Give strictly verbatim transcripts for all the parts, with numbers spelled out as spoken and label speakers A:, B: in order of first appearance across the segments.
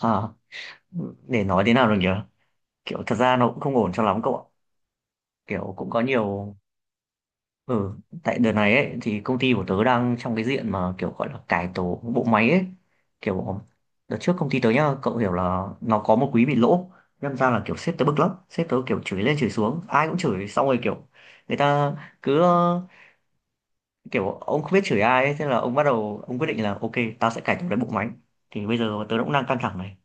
A: À, để nói thế nào được nhỉ. Kiểu thật ra nó cũng không ổn cho lắm cậu ạ. Kiểu cũng có nhiều. Ừ. Tại đợt này ấy thì công ty của tớ đang trong cái diện mà kiểu gọi là cải tổ bộ máy ấy. Kiểu. Đợt trước công ty tớ nhá, cậu hiểu là nó có một quý bị lỗ. Nhân ra là kiểu sếp tớ bực lắm, sếp tớ kiểu chửi lên chửi xuống ai cũng chửi xong rồi kiểu. Người ta cứ ờ, kiểu ông không biết chửi ai ấy, thế là ông bắt đầu ông quyết định là ok, tao sẽ cải tổ cái bộ máy. Thì bây giờ tớ cũng đang căng thẳng này.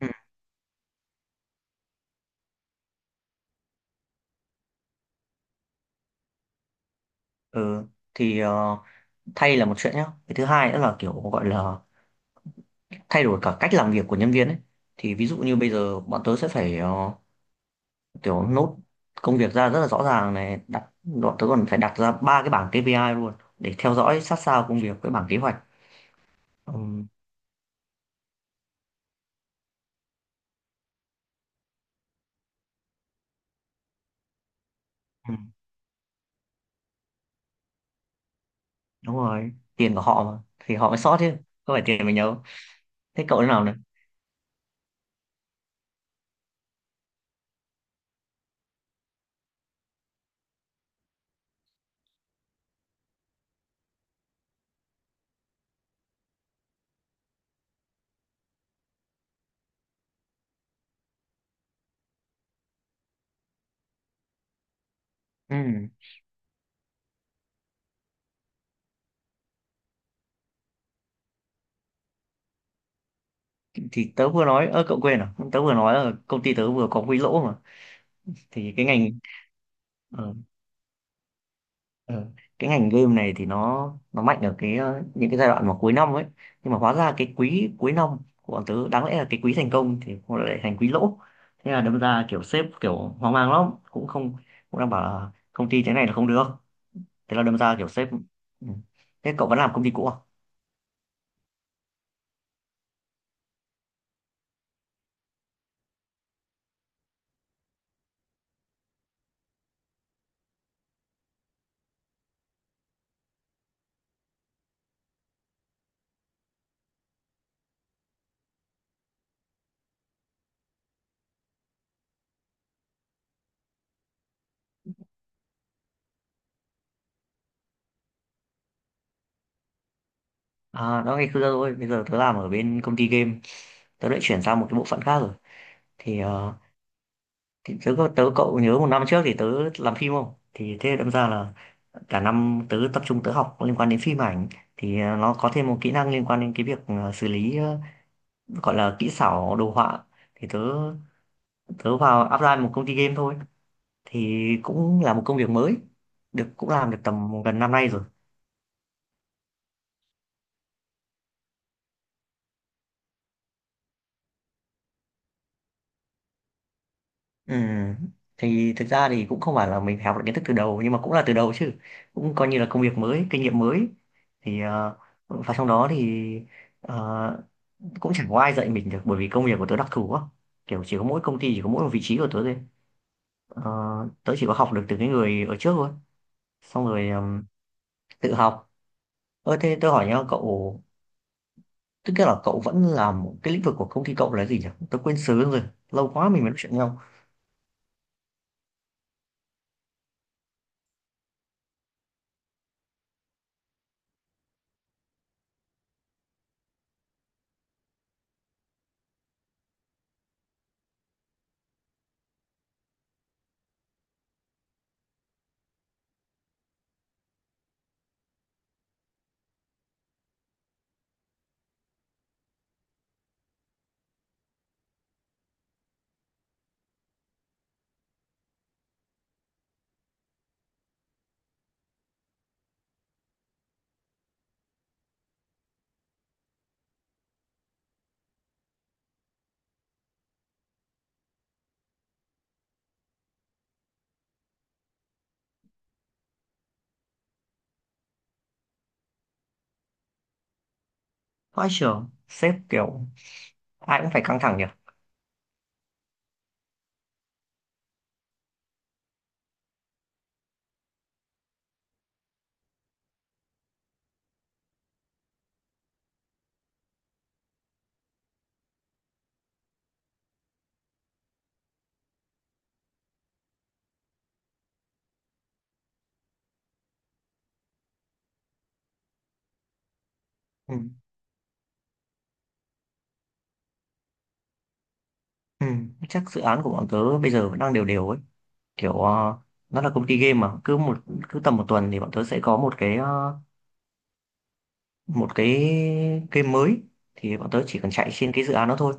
A: Ừ. Ừ, thì ờ, thay là một chuyện nhá, cái thứ hai nữa là kiểu gọi là thay đổi cả cách làm việc của nhân viên ấy. Thì ví dụ như bây giờ bọn tớ sẽ phải ờ, kiểu nốt công việc ra rất là rõ ràng này, đặt bọn tớ còn phải đặt ra ba cái bảng ca pê i luôn để theo dõi sát sao công việc với bảng kế hoạch. Ừ. Ừ, đúng rồi, tiền của họ mà thì họ mới sót chứ, không phải tiền mình đâu. Thế cậu thế nào này? Ừ, thì tớ vừa nói, ơ cậu quên à, tớ vừa nói là công ty tớ vừa có quỹ lỗ mà. Thì cái ngành. Ờ, Ờ, cái ngành game này thì nó nó mạnh ở cái ờ, những cái giai đoạn mà cuối năm ấy. Nhưng mà hóa ra cái quý cuối năm của bọn tớ đáng lẽ là cái quý thành công thì nó lại thành quý lỗ. Thế là đâm ra kiểu sếp kiểu hoang mang lắm, cũng không, cũng đang bảo là công ty thế này là không được. Thế là đâm ra kiểu sếp. Ừ. Thế cậu vẫn làm công ty cũ à? À đó ngày xưa thôi, bây giờ tớ làm ở bên công ty game. Tớ lại chuyển sang một cái bộ phận khác rồi. Thì, ờ, thì tớ có- tớ, cậu nhớ một năm trước thì tớ làm phim không, thì thế đâm ra là cả năm tớ tập trung tớ học liên quan đến phim ảnh. Thì ờ, nó có thêm một kỹ năng liên quan đến cái việc ờ, xử lý, ờ, gọi là kỹ xảo đồ họa. Thì tớ, tớ vào apply một công ty game thôi. Thì cũng là một công việc mới, được cũng làm được tầm gần năm nay rồi. Ừ. Thì thực ra thì cũng không phải là mình phải học được kiến thức từ đầu nhưng mà cũng là từ đầu chứ, cũng coi như là công việc mới, kinh nghiệm mới. Thì ờ, và trong đó thì ờ, cũng chẳng có ai dạy mình được bởi vì công việc của tớ đặc thù quá. Kiểu chỉ có mỗi công ty chỉ có mỗi một vị trí của tớ thôi. Ờ, tớ chỉ có học được từ cái người ở trước thôi, xong rồi ừm, tự học. Ơ thế tôi hỏi nhá cậu, tức là cậu vẫn làm cái lĩnh vực của công ty cậu là gì nhỉ, tớ quên sớm rồi. Lâu quá mình mới nói chuyện nhau. Vãi trưởng sếp kiểu ai cũng phải căng thẳng nhỉ. Ừ. Ừ. Chắc dự án của bọn tớ bây giờ vẫn đang đều đều ấy. Kiểu ờ, nó là công ty game mà cứ một cứ tầm một tuần thì bọn tớ sẽ có một cái ờ, một cái game mới. Thì bọn tớ chỉ cần chạy trên cái dự án đó thôi.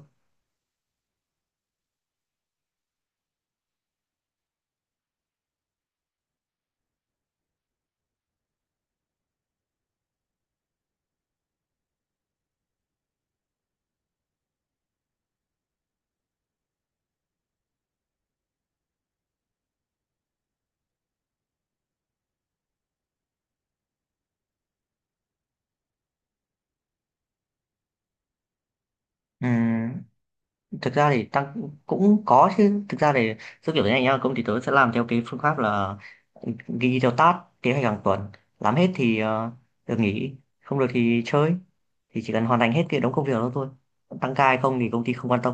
A: Ừ. Thực ra thì tăng cũng cũng có chứ, thực ra thì giúp kiểu thế này nhá, công ty tớ sẽ làm theo cái phương pháp là ghi theo task kế hoạch hàng tuần. Làm hết thì ờ, được nghỉ, không được thì chơi. Thì chỉ cần hoàn thành hết thì đóng công việc đó thôi. Tăng ca hay không thì công ty không quan tâm.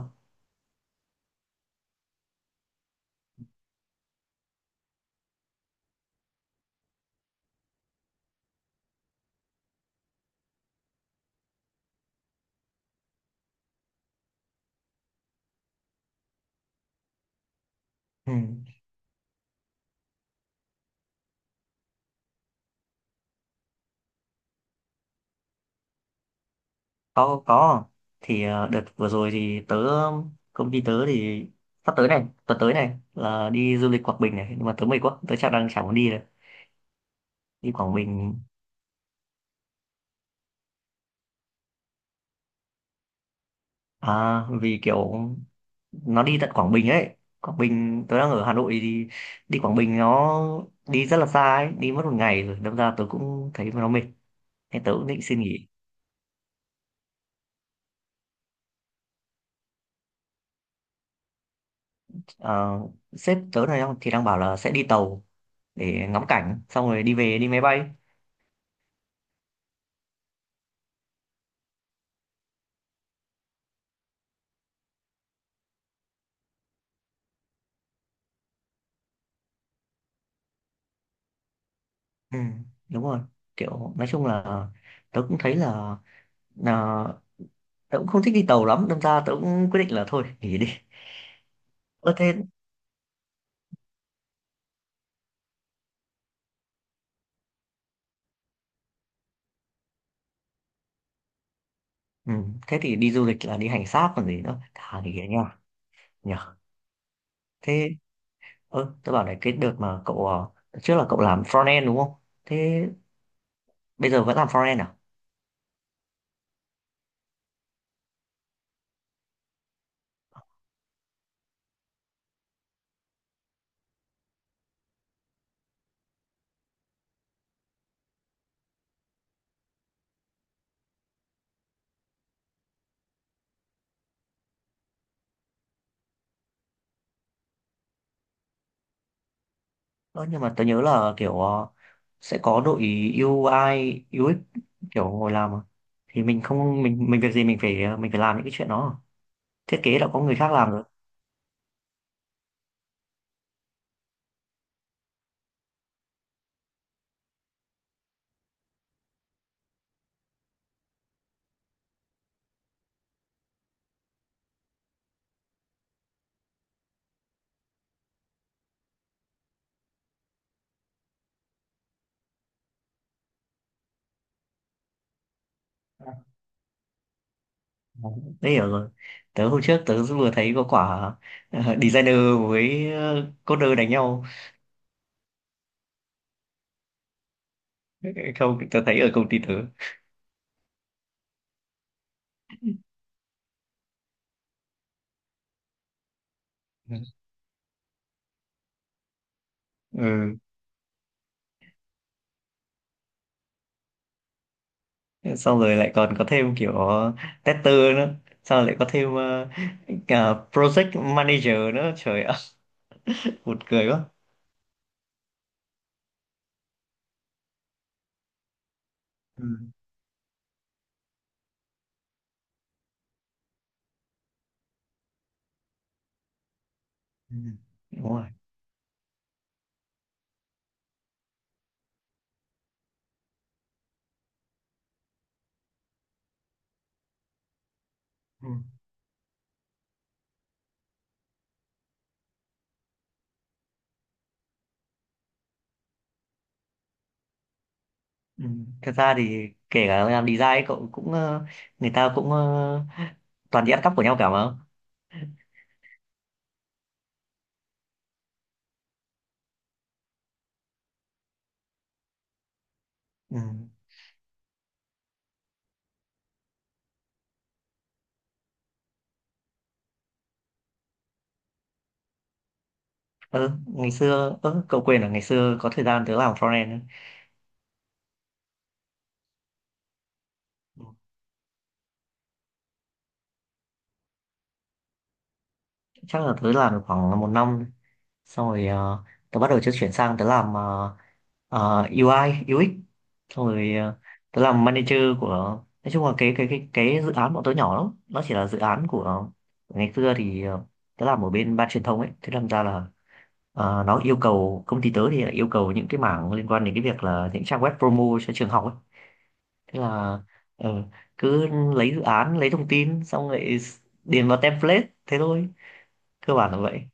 A: Ừ. Có có. Thì ờ, đợt vừa rồi thì tớ, công ty tớ thì sắp tới này, tuần tới này là đi du lịch Quảng Bình này, nhưng mà tớ mệt quá, tớ chắc đang chẳng muốn đi rồi. Đi Quảng Bình. À, vì kiểu nó đi tận Quảng Bình ấy. Quảng Bình, tôi đang ở Hà Nội thì đi Quảng Bình nó đi rất là xa ấy, đi mất một ngày rồi đâm ra tôi cũng thấy nó mệt. Nên tớ cũng định xin nghỉ. Ờ, sếp tớ này đang- thì đang bảo là sẽ đi tàu để ngắm cảnh xong rồi đi về đi máy bay. Ừ, đúng rồi. Kiểu nói chung là tớ cũng thấy là, là tớ cũng không thích đi tàu lắm, đâm ra tớ cũng quyết định là thôi nghỉ đi. Ơ thế. Ừ, thế thì đi du lịch là đi hành xác còn gì nữa, thà nghỉ nha. Nhở. Thế. Ơ, tớ bảo này, cái đợt mà cậu ờ, đợt trước là cậu làm front end đúng không? Thế bây giờ vẫn làm front end à? Ơ, nhưng mà tớ nhớ là kiểu ờ, sẽ có đội iu ai, u ích kiểu ngồi làm mà. Thì mình không mình mình việc gì mình phải ờ, mình phải làm những cái chuyện đó. Thiết kế đã có người khác làm rồi. Đấy, tớ hiểu rồi. Tớ hôm trước tớ vừa thấy có quả ờ, designer với ờ, coder đánh nhau. Không, tớ thấy ở công ty tớ. Ừ. Xong rồi lại còn có thêm kiểu tester nữa, xong rồi lại có thêm ờ, cả project manager nữa, trời ơi. Buồn cười quá. Ừ. Ừ. Đúng rồi. Ừ. Ừ. Thật ra thì kể cả làm design cậu cũng ờ, người ta cũng ờ, toàn đi ăn cắp của nhau cả mà. Ừ. Ừ, ngày xưa, ừ, cậu quên là ngày xưa có thời gian tớ làm frontend ấy. Ừ. Chắc là tớ làm được khoảng một năm, xong rồi uh, tớ bắt đầu tớ chuyển sang tớ làm ờ, ờ, u i u ích, xong rồi ờ, tớ làm manager của, nói chung là cái cái cái cái dự án bọn tớ nhỏ lắm, nó chỉ là dự án của, của ngày xưa thì ờ, tớ làm ở bên ban truyền thông ấy, thế làm ra là ờ, nó yêu cầu, công ty tớ thì lại yêu cầu những cái mảng liên quan đến cái việc là những trang web promo cho trường học ấy. Thế là ờ, cứ lấy dự án, lấy thông tin xong lại điền vào template thế thôi. Cơ bản là vậy.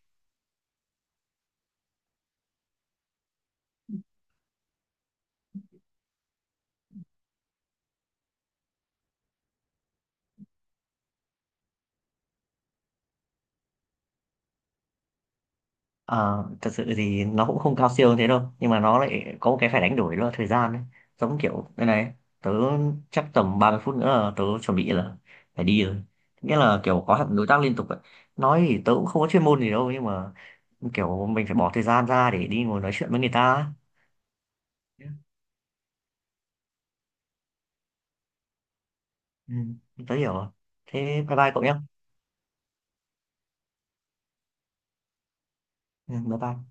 A: Ờ, thật sự thì nó cũng không cao siêu như thế đâu, nhưng mà nó lại có một cái phải đánh đổi đó là thời gian ấy. Giống kiểu đây này, tớ chắc tầm ba mươi phút nữa là tớ chuẩn bị là phải đi rồi, nghĩa là kiểu có hẳn đối tác liên tục ấy. Nói thì tớ cũng không có chuyên môn gì đâu, nhưng mà kiểu mình phải bỏ thời gian ra để đi ngồi nói chuyện với người ta ấy. Ừ, tớ hiểu rồi. Thế bye bye cậu nhé. Ừ, bye bye.